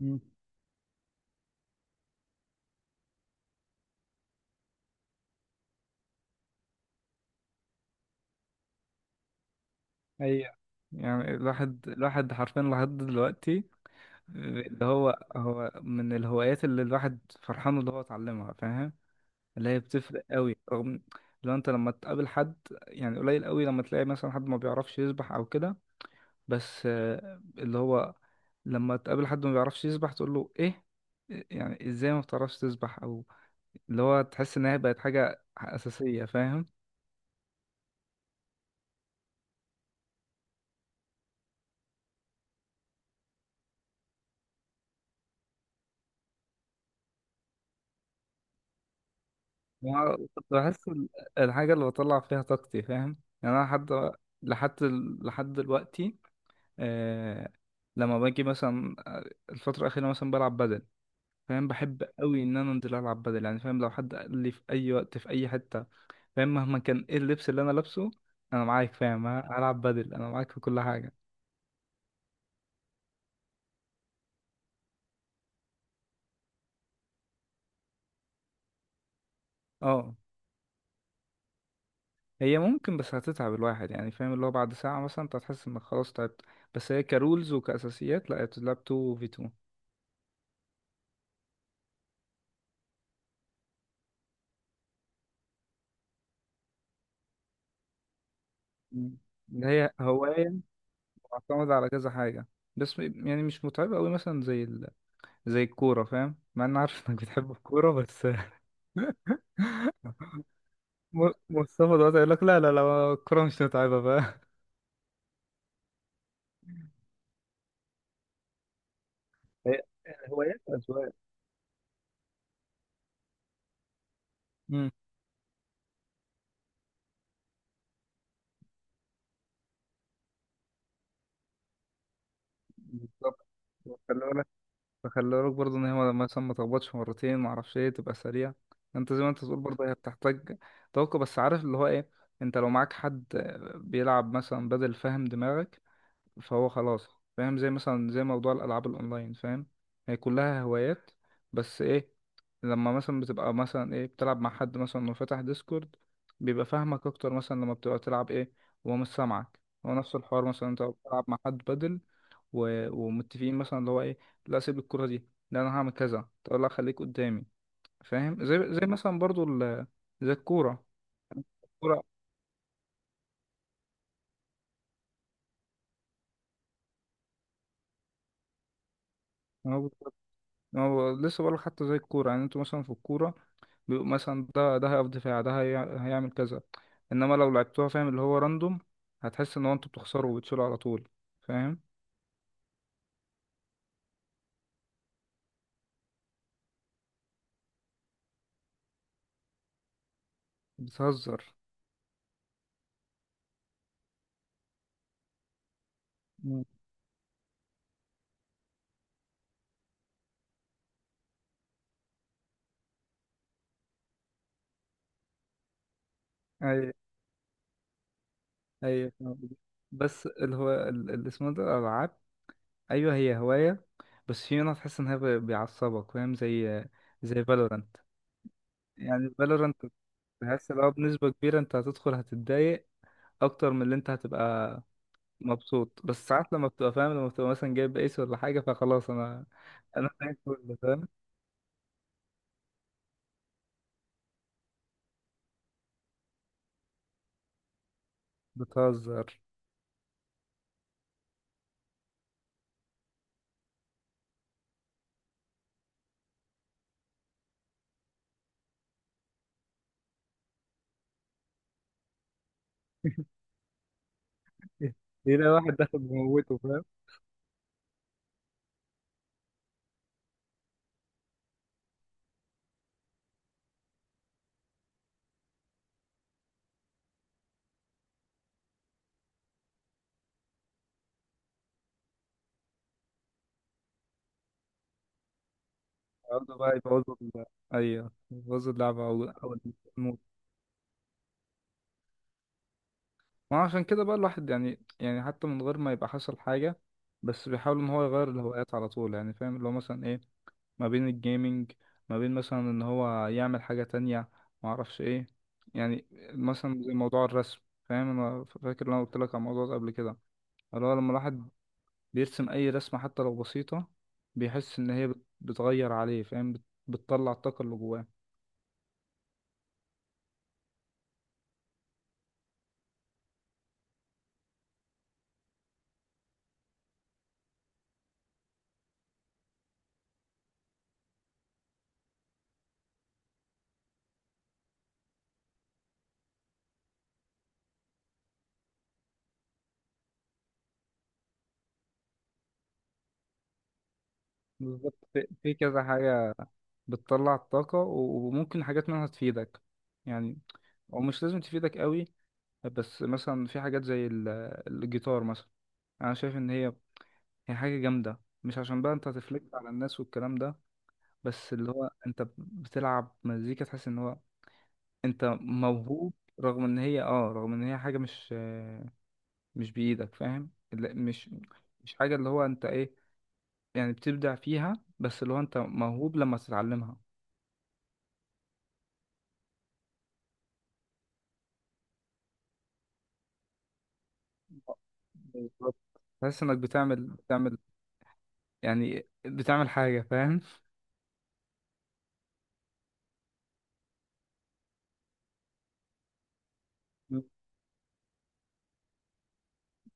مم. ايوه، يعني الواحد الواحد حرفيا لحد دلوقتي، اللي هو هو من الهوايات اللي الواحد فرحان اللي هو اتعلمها. فاهم اللي هي بتفرق قوي؟ رغم لو انت لما تقابل حد، يعني قليل قوي لما تلاقي مثلا حد ما بيعرفش يسبح او كده. بس اللي هو لما تقابل حد ما بيعرفش يسبح تقول له ايه؟ يعني ازاي ما بتعرفش تسبح او اللي هو تحس ان هي بقت حاجة اساسية. فاهم؟ يعني أنا كنت بحس الحاجة اللي بطلع فيها طاقتي. فاهم؟ يعني أنا لحد لحد دلوقتي. آه، لما باجي مثلا الفترة الأخيرة مثلا بلعب بدل. فاهم، بحب قوي إن أنا أنزل ألعب بدل. يعني فاهم، لو حد قال لي في أي وقت في أي حتة، فاهم مهما كان إيه اللبس اللي أنا لابسه، أنا معاك. فاهم؟ هلعب بدل، أنا معاك في كل حاجة. أه، هي ممكن بس هتتعب الواحد. يعني فاهم، اللي هو بعد ساعة مثلا أنت هتحس إنك خلاص تعبت. بس هي كرولز وكأساسيات، لا هي بتتلعب 2 في 2. مم. اللي هي هواية معتمدة على كذا حاجة، بس يعني مش متعبة أوي مثلا زي الكورة. فاهم، مع إن عارف إنك بتحب الكورة، بس مصطفى دلوقتي يقول لك لا لا لا الكورة مش متعبة بقى. هي هوايات أذواق. مم. بالظبط. خلي بالك، فخلي بالك برضه إن هي مثلا ما تخبطش مرتين، ما أعرفش إيه، تبقى سريع. أنت زي ما أنت بتقول، برضه هي بتحتاج توقع. بس عارف اللي هو إيه، أنت لو معاك حد بيلعب مثلا بدل فاهم دماغك، فهو خلاص. فاهم زي مثلا زي موضوع الالعاب الاونلاين، فاهم هي كلها هوايات. بس ايه؟ لما مثلا بتبقى مثلا ايه بتلعب مع حد مثلا وفتح ديسكورد، بيبقى فاهمك اكتر مثلا لما بتبقى تلعب ايه وهو مش سامعك. هو نفس الحوار مثلا انت بتلعب مع حد بدل ومتفقين مثلا اللي هو ايه، لا سيب الكرة دي، لا انا هعمل كذا، تقول لا خليك قدامي. فاهم زي مثلا زي الكورة. الكورة هو لسه بقولك حتى زي الكورة. يعني انتوا مثلا في الكورة بيبقوا مثلا ده هيقف دفاع، هيعمل كذا. انما لو لعبتوها، فاهم اللي هو راندوم، هتحس ان هو انتوا بتخسروا وبتشيلوا على طول. فاهم؟ بتهزر. مم. اي اي، فاهم قصدك. بس اللي هو اللي اسمه ده الالعاب، ايوه هي هواية، بس في منها تحس بيعصبك. فاهم، زي زي فالورانت. يعني فالورانت، تحس لو بنسبة كبيرة انت هتدخل هتتضايق اكتر من اللي انت هتبقى مبسوط. بس ساعات لما بتبقى فاهم، لما بتبقى مثلا جايب ايس ولا حاجه، فخلاص انا فاهم كله. فاهم بتهزر. هنا واحد داخل بموته، فاهم يقعدوا بقى يبوظوا ايوه يبوظوا اللعبه او الموت. ما عشان كده بقى الواحد، يعني يعني حتى من غير ما يبقى حصل حاجه، بس بيحاول ان هو يغير الهوايات على طول. يعني فاهم اللي هو مثلا ايه، ما بين الجيمنج، ما بين مثلا ان هو يعمل حاجة تانية، ما اعرفش ايه. يعني مثلا زي موضوع الرسم، فاهم انا فاكر إن انا قلت لك على الموضوع ده قبل كده. اللي هو لما الواحد بيرسم اي رسمة حتى لو بسيطة بيحس ان هي بتغير عليه. فاهم بتطلع الطاقة اللي جواه. بالظبط، في في كذا حاجة بتطلع الطاقة وممكن حاجات منها تفيدك. يعني او مش لازم تفيدك قوي، بس مثلا في حاجات زي الجيتار مثلا. انا شايف ان هي هي حاجة جامدة، مش عشان بقى انت هتفلكت على الناس والكلام ده، بس اللي هو انت بتلعب مزيكا تحس ان هو انت موهوب. رغم ان هي اه، رغم ان هي حاجة مش بإيدك. فاهم، لا، مش مش حاجة اللي هو انت ايه، يعني بتبدع فيها، بس اللي هو انت موهوب لما تتعلمها. بالظبط، تحس انك بتعمل بتعمل يعني بتعمل حاجة. فاهم؟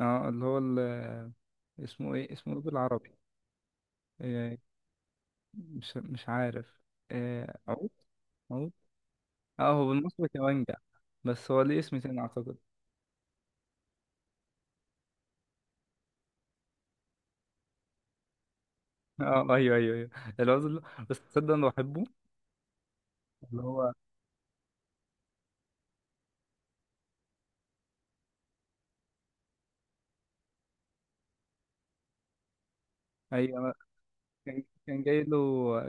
اه اللي هو اسمه ايه اسمه ايه بالعربي؟ آه، مش مش عارف. عود عود. اه هو بالمصري كمانجا، بس هو ليه اسم تاني اعتقد. اه ايوه ايوه ايوه، العود اللي... بس تصدق انا بحبه. اللي هو ايوه. أنا، كان كان جاي له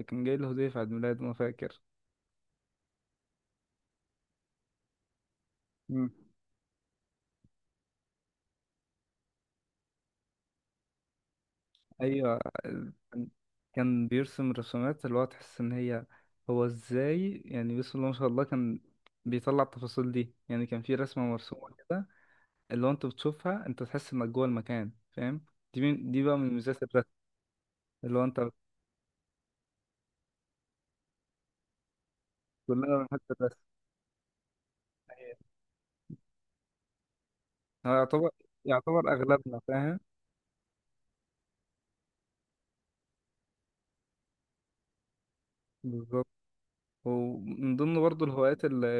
كان جاي له هدية في عيد ميلاده، ما فاكر. مم. ايوه كان كان بيرسم رسومات اللي هو تحس ان هي هو ازاي. يعني بسم الله ما شاء الله، كان بيطلع التفاصيل دي. يعني كان في رسمة مرسومة كده، اللي هو انت بتشوفها انت تحس انك جوه المكان. فاهم؟ دي بقى من ميزات اللي هو انت. كلنا بنحب الرسم. هو يعتبر اغلبنا فاهم، بالظبط. ومن ضمن برضو الهوايات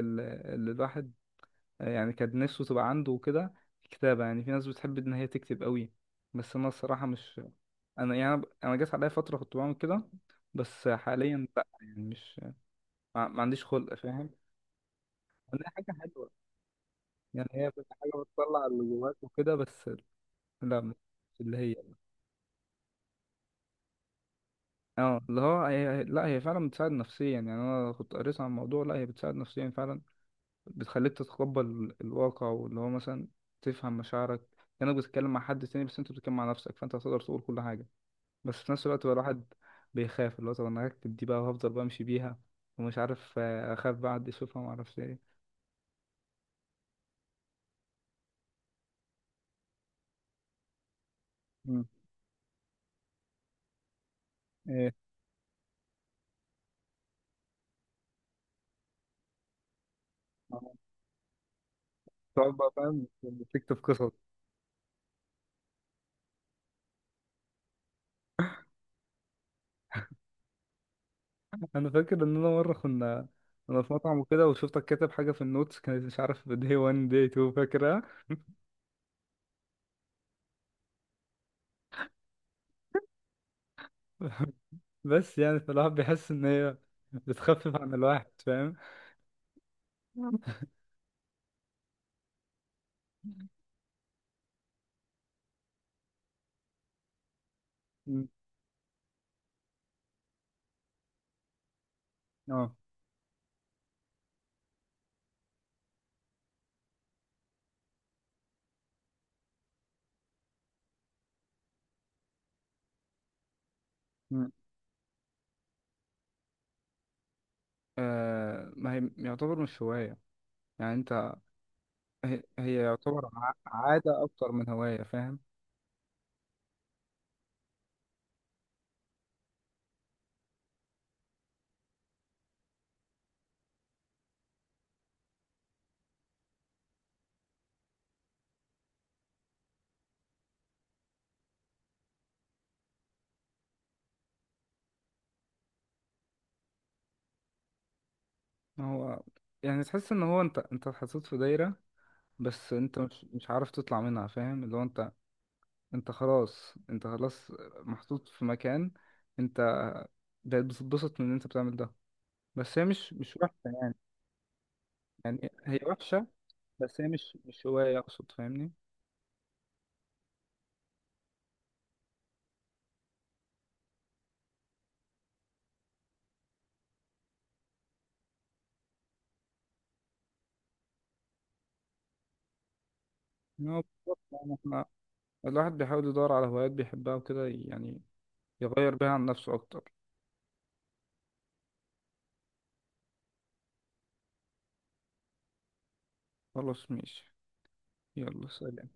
اللي الواحد يعني كان نفسه تبقى عنده وكده، الكتابة. يعني في ناس بتحب ان هي تكتب قوي. بس انا الصراحة مش، انا يعني انا جات عليا فترة كنت بعمل كده، بس حاليا لا. يعني مش ما عنديش خلق. فاهم إن هي حاجة حلوة، يعني هي بتبقى حاجة بتطلع اللي جواك وكده. بس لا مش اللي هي اه اللي هو هي... لا هي فعلا بتساعد نفسيا. يعني انا كنت قريت عن الموضوع، لا هي بتساعد نفسيا فعلا، بتخليك تتقبل الواقع، واللي هو مثلا تفهم مشاعرك، كأنك بتتكلم مع حد تاني بس انت بتتكلم مع نفسك، فانت هتقدر تقول كل حاجة. بس في نفس الوقت بقى الواحد بيخاف، اللي هو طب انا هكتب دي بقى وهفضل بمشي بيها، ومش عارف اخاف بقى حد يشوفها، معرفش ايه. مم. ايه؟ آه. تقعد بقى، فاهم تكتب قصص. انا فاكر ان انا مرة كنا انا في مطعم وكده وشفتك كاتب حاجة في النوتس كانت مش عارف day 1 day 2. فاكر؟ بس يعني فالواحد بيحس ان هي بتخفف عن الواحد. فاهم؟ مم. اه. مم. ما هي يعتبر مش هواية. يعني انت، هي هي يعتبر عادة اكتر من هواية. فاهم؟ ما هو، يعني تحس ان هو انت اتحطيت في دايرة، بس انت مش عارف تطلع منها. فاهم اللي هو انت، انت خلاص انت خلاص محطوط في مكان. انت بقيت بتتبسط من ان انت بتعمل ده، بس هي مش وحشة. يعني يعني هي وحشة، بس هي مش هواية أقصد. فاهمني؟ إن هو بالظبط. يعني إحنا الواحد بيحاول يدور على هوايات بيحبها وكده، يعني يغير بيها عن نفسه أكتر. خلاص ماشي، يلا سلام.